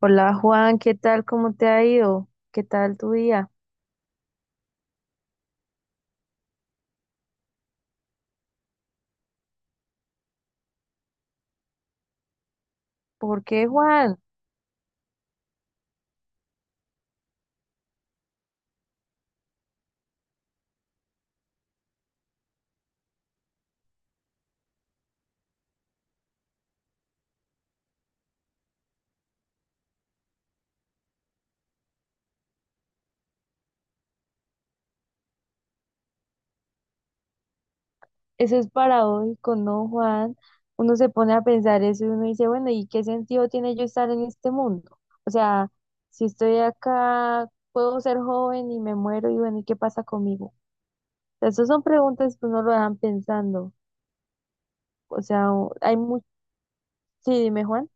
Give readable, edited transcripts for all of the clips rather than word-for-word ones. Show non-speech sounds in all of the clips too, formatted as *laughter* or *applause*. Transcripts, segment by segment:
Hola Juan, ¿qué tal? ¿Cómo te ha ido? ¿Qué tal tu día? ¿Por qué Juan? Eso es paradójico, ¿no, Juan? Uno se pone a pensar eso y uno dice, bueno, ¿y qué sentido tiene yo estar en este mundo? O sea, si estoy acá, puedo ser joven y me muero y bueno, ¿y qué pasa conmigo? O sea, esas son preguntas que uno lo dejan pensando. O sea, hay mucho. Sí, dime Juan.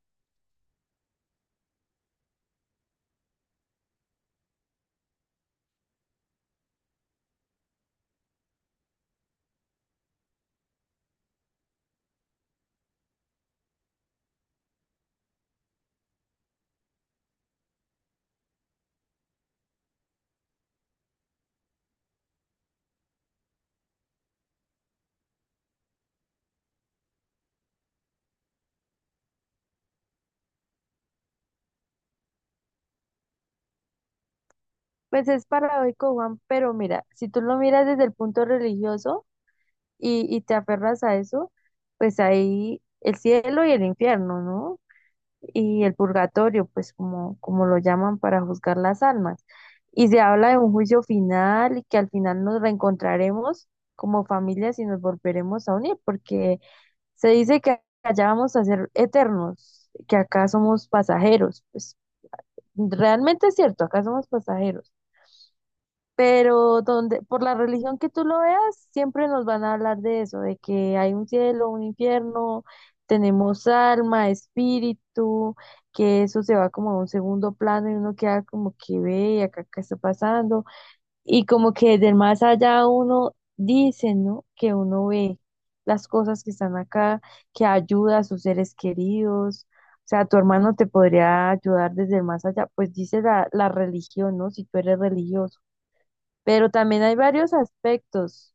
Pues es paradójico, Juan, pero mira, si tú lo miras desde el punto religioso, y te aferras a eso, pues ahí el cielo y el infierno, ¿no? Y el purgatorio, pues como, como lo llaman para juzgar las almas. Y se habla de un juicio final y que al final nos reencontraremos como familias y nos volveremos a unir, porque se dice que allá vamos a ser eternos, que acá somos pasajeros. Pues realmente es cierto, acá somos pasajeros pero donde, por la religión que tú lo veas, siempre nos van a hablar de eso, de que hay un cielo, un infierno, tenemos alma, espíritu, que eso se va como a un segundo plano y uno queda como que ve y acá qué está pasando, y como que del más allá uno dice, ¿no? Que uno ve las cosas que están acá, que ayuda a sus seres queridos. O sea, tu hermano te podría ayudar desde el más allá, pues dice la religión, ¿no? Si tú eres religioso. Pero también hay varios aspectos.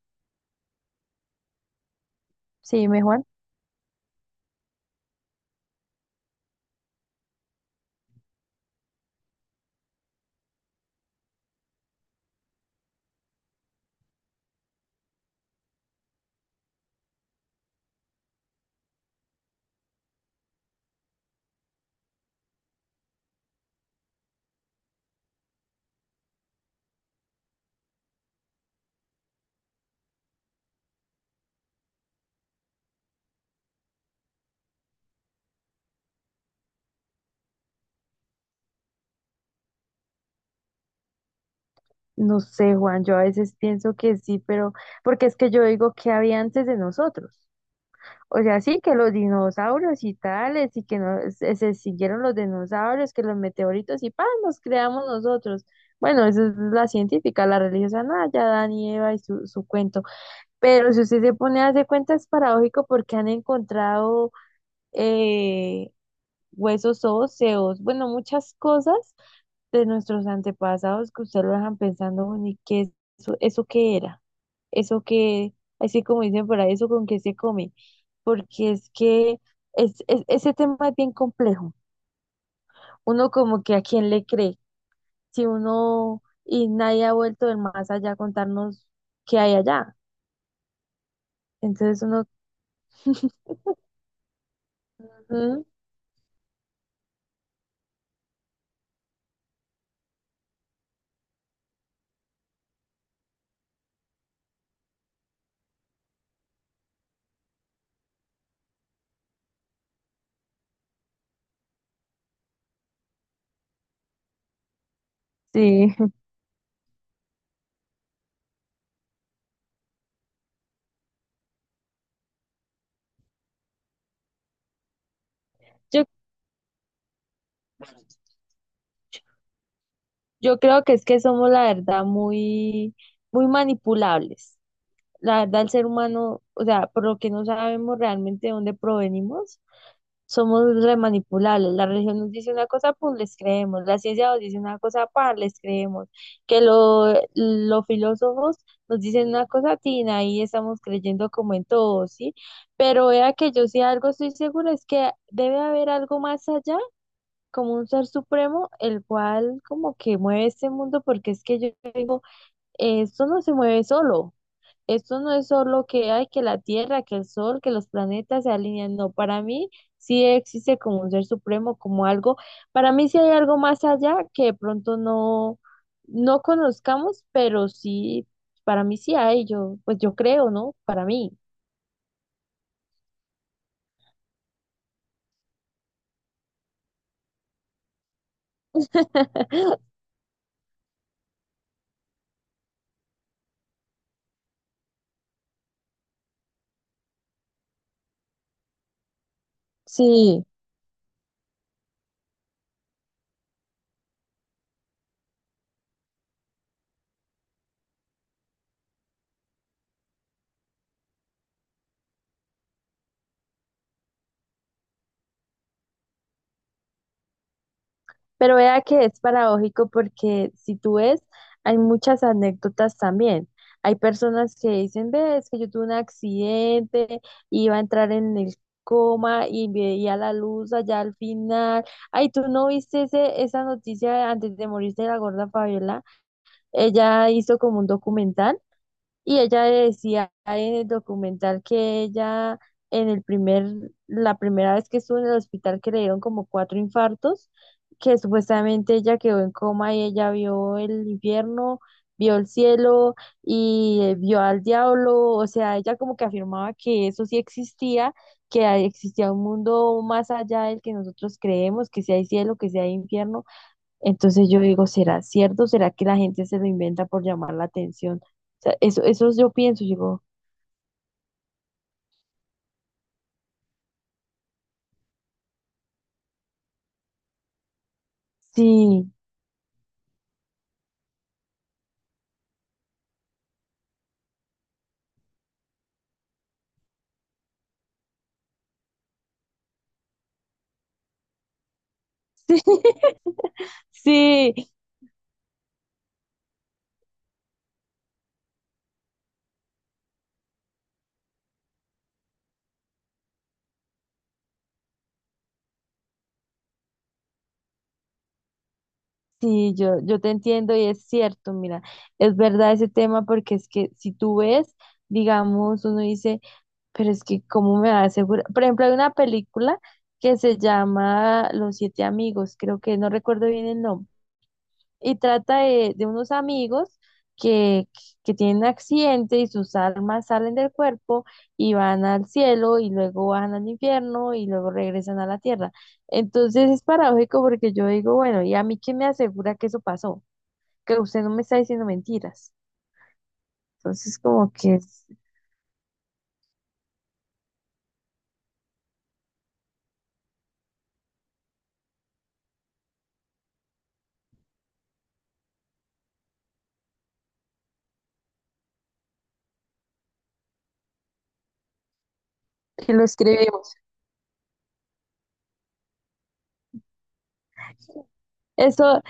Sí, dime, Juan. No sé, Juan, yo a veces pienso que sí, pero porque es que yo digo que había antes de nosotros. O sea, sí, que los dinosaurios y tales, y que no, se siguieron los dinosaurios, que los meteoritos y ¡pam! Nos creamos nosotros. Bueno, eso es la científica, la religiosa, nada, ya Dan y Eva y su cuento. Pero si usted se pone a hacer cuenta, es paradójico porque han encontrado eh, huesos óseos, bueno, muchas cosas de nuestros antepasados que usted lo dejan pensando, bueno, ¿y qué es eso, eso qué era? Eso que, así como dicen por ahí, eso con qué se come, porque es que es, ese tema es bien complejo. Uno como que a quién le cree, si uno y nadie ha vuelto del más allá a contarnos qué hay allá. Entonces uno, mm, sí, *laughs* yo, yo creo que es que somos la verdad muy, muy manipulables. La verdad, el ser humano, o sea, por lo que no sabemos realmente de dónde provenimos, somos remanipulables. La religión nos dice una cosa, pues les creemos. La ciencia nos dice una cosa, pues les creemos. Que los filósofos nos dicen una cosa, tina, ahí estamos creyendo como en todo, ¿sí? Pero vea que yo sí algo estoy segura, es que debe haber algo más allá, como un ser supremo, el cual como que mueve este mundo, porque es que yo digo, esto no se mueve solo. Esto no es solo que hay que la Tierra, que el Sol, que los planetas se alinean. No, para mí sí existe como un ser supremo, como algo. Para mí sí hay algo más allá que de pronto no, no conozcamos, pero sí, para mí sí hay. Yo, pues yo creo, ¿no? Para mí. *laughs* Sí. Pero vea que es paradójico porque si tú ves, hay muchas anécdotas también. Hay personas que dicen, ve, es que yo tuve un accidente, iba a entrar en el coma y veía la luz allá al final. Ay, ¿tú no viste ese, esa noticia antes de morirse de la gorda Fabiola? Ella hizo como un documental y ella decía en el documental que ella en el primer, la primera vez que estuvo en el hospital que le dieron como cuatro infartos, que supuestamente ella quedó en coma y ella vio el infierno, vio el cielo y vio al diablo, o sea, ella como que afirmaba que eso sí existía, que ahí existía un mundo más allá del que nosotros creemos, que si hay cielo, que si hay infierno, entonces yo digo, ¿será cierto? ¿Será que la gente se lo inventa por llamar la atención? O sea, eso yo pienso, yo digo, sí, *laughs* sí, sí, sí, yo te entiendo y es cierto, mira, es verdad ese tema porque es que si tú ves, digamos, uno dice, pero es que ¿cómo me va a asegurar? Por ejemplo, hay una película que se llama Los Siete Amigos, creo que no recuerdo bien el nombre y trata de, unos amigos que, tienen un accidente y sus almas salen del cuerpo y van al cielo y luego bajan al infierno y luego regresan a la tierra. Entonces es paradójico porque yo digo, bueno, ¿y a mí quién me asegura que eso pasó? Que usted no me está diciendo mentiras. Entonces como que, que lo escribimos. Eso,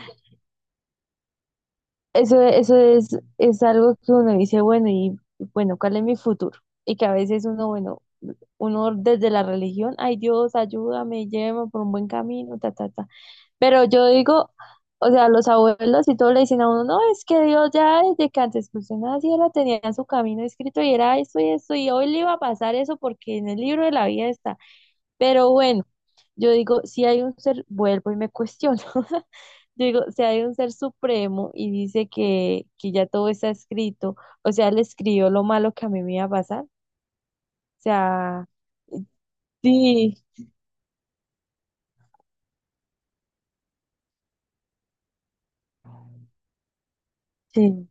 eso es algo que uno dice, bueno, y bueno, ¿cuál es mi futuro? Y que a veces uno, bueno, uno desde la religión, ay Dios, ayúdame, llévame por un buen camino, ta, ta, ta. Pero yo digo, o sea, los abuelos y todo le dicen a uno, no, es que Dios ya desde que antes que usted naciera tenía su camino escrito y era esto y esto, y hoy le iba a pasar eso porque en el libro de la vida está. Pero bueno, yo digo, si hay un ser, vuelvo y me cuestiono, *laughs* yo digo, si hay un ser supremo y dice que, ya todo está escrito, o sea, él escribió lo malo que a mí me iba a pasar, o sea, sí, sí.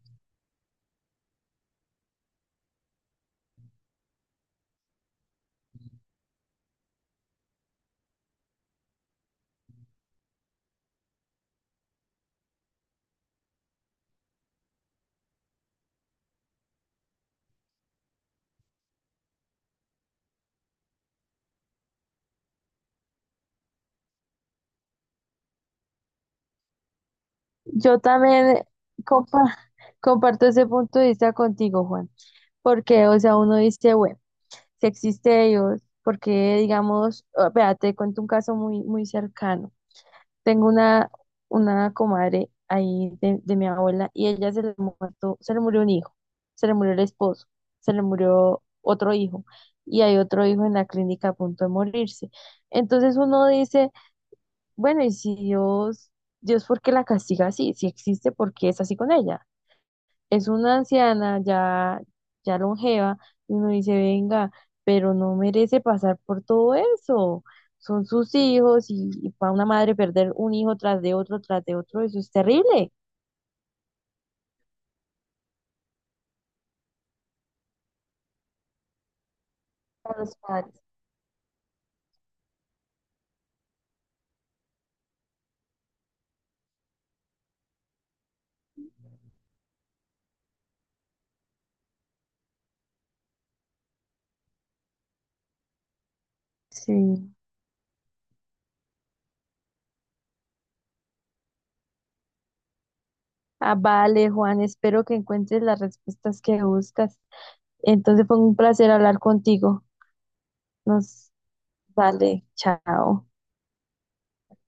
Yo también compa- *laughs* comparto ese punto de vista contigo, Juan, porque, o sea, uno dice, bueno, si existe Dios, porque, digamos, ah, vea, te cuento un caso muy, muy cercano. Tengo una, comadre ahí de, mi abuela y ella se le muerto, se le murió un hijo, se le murió el esposo, se le murió otro hijo y hay otro hijo en la clínica a punto de morirse. Entonces uno dice bueno, y si Dios, Dios, ¿por qué la castiga así? Si existe, ¿por qué es así con ella? Es una anciana ya, ya longeva, y uno dice, venga, pero no merece pasar por todo eso. Son sus hijos y, para una madre perder un hijo tras de otro, eso es terrible. Para los padres. Sí. Ah, vale, Juan, espero que encuentres las respuestas que buscas. Entonces fue un placer hablar contigo. Nos vale, chao.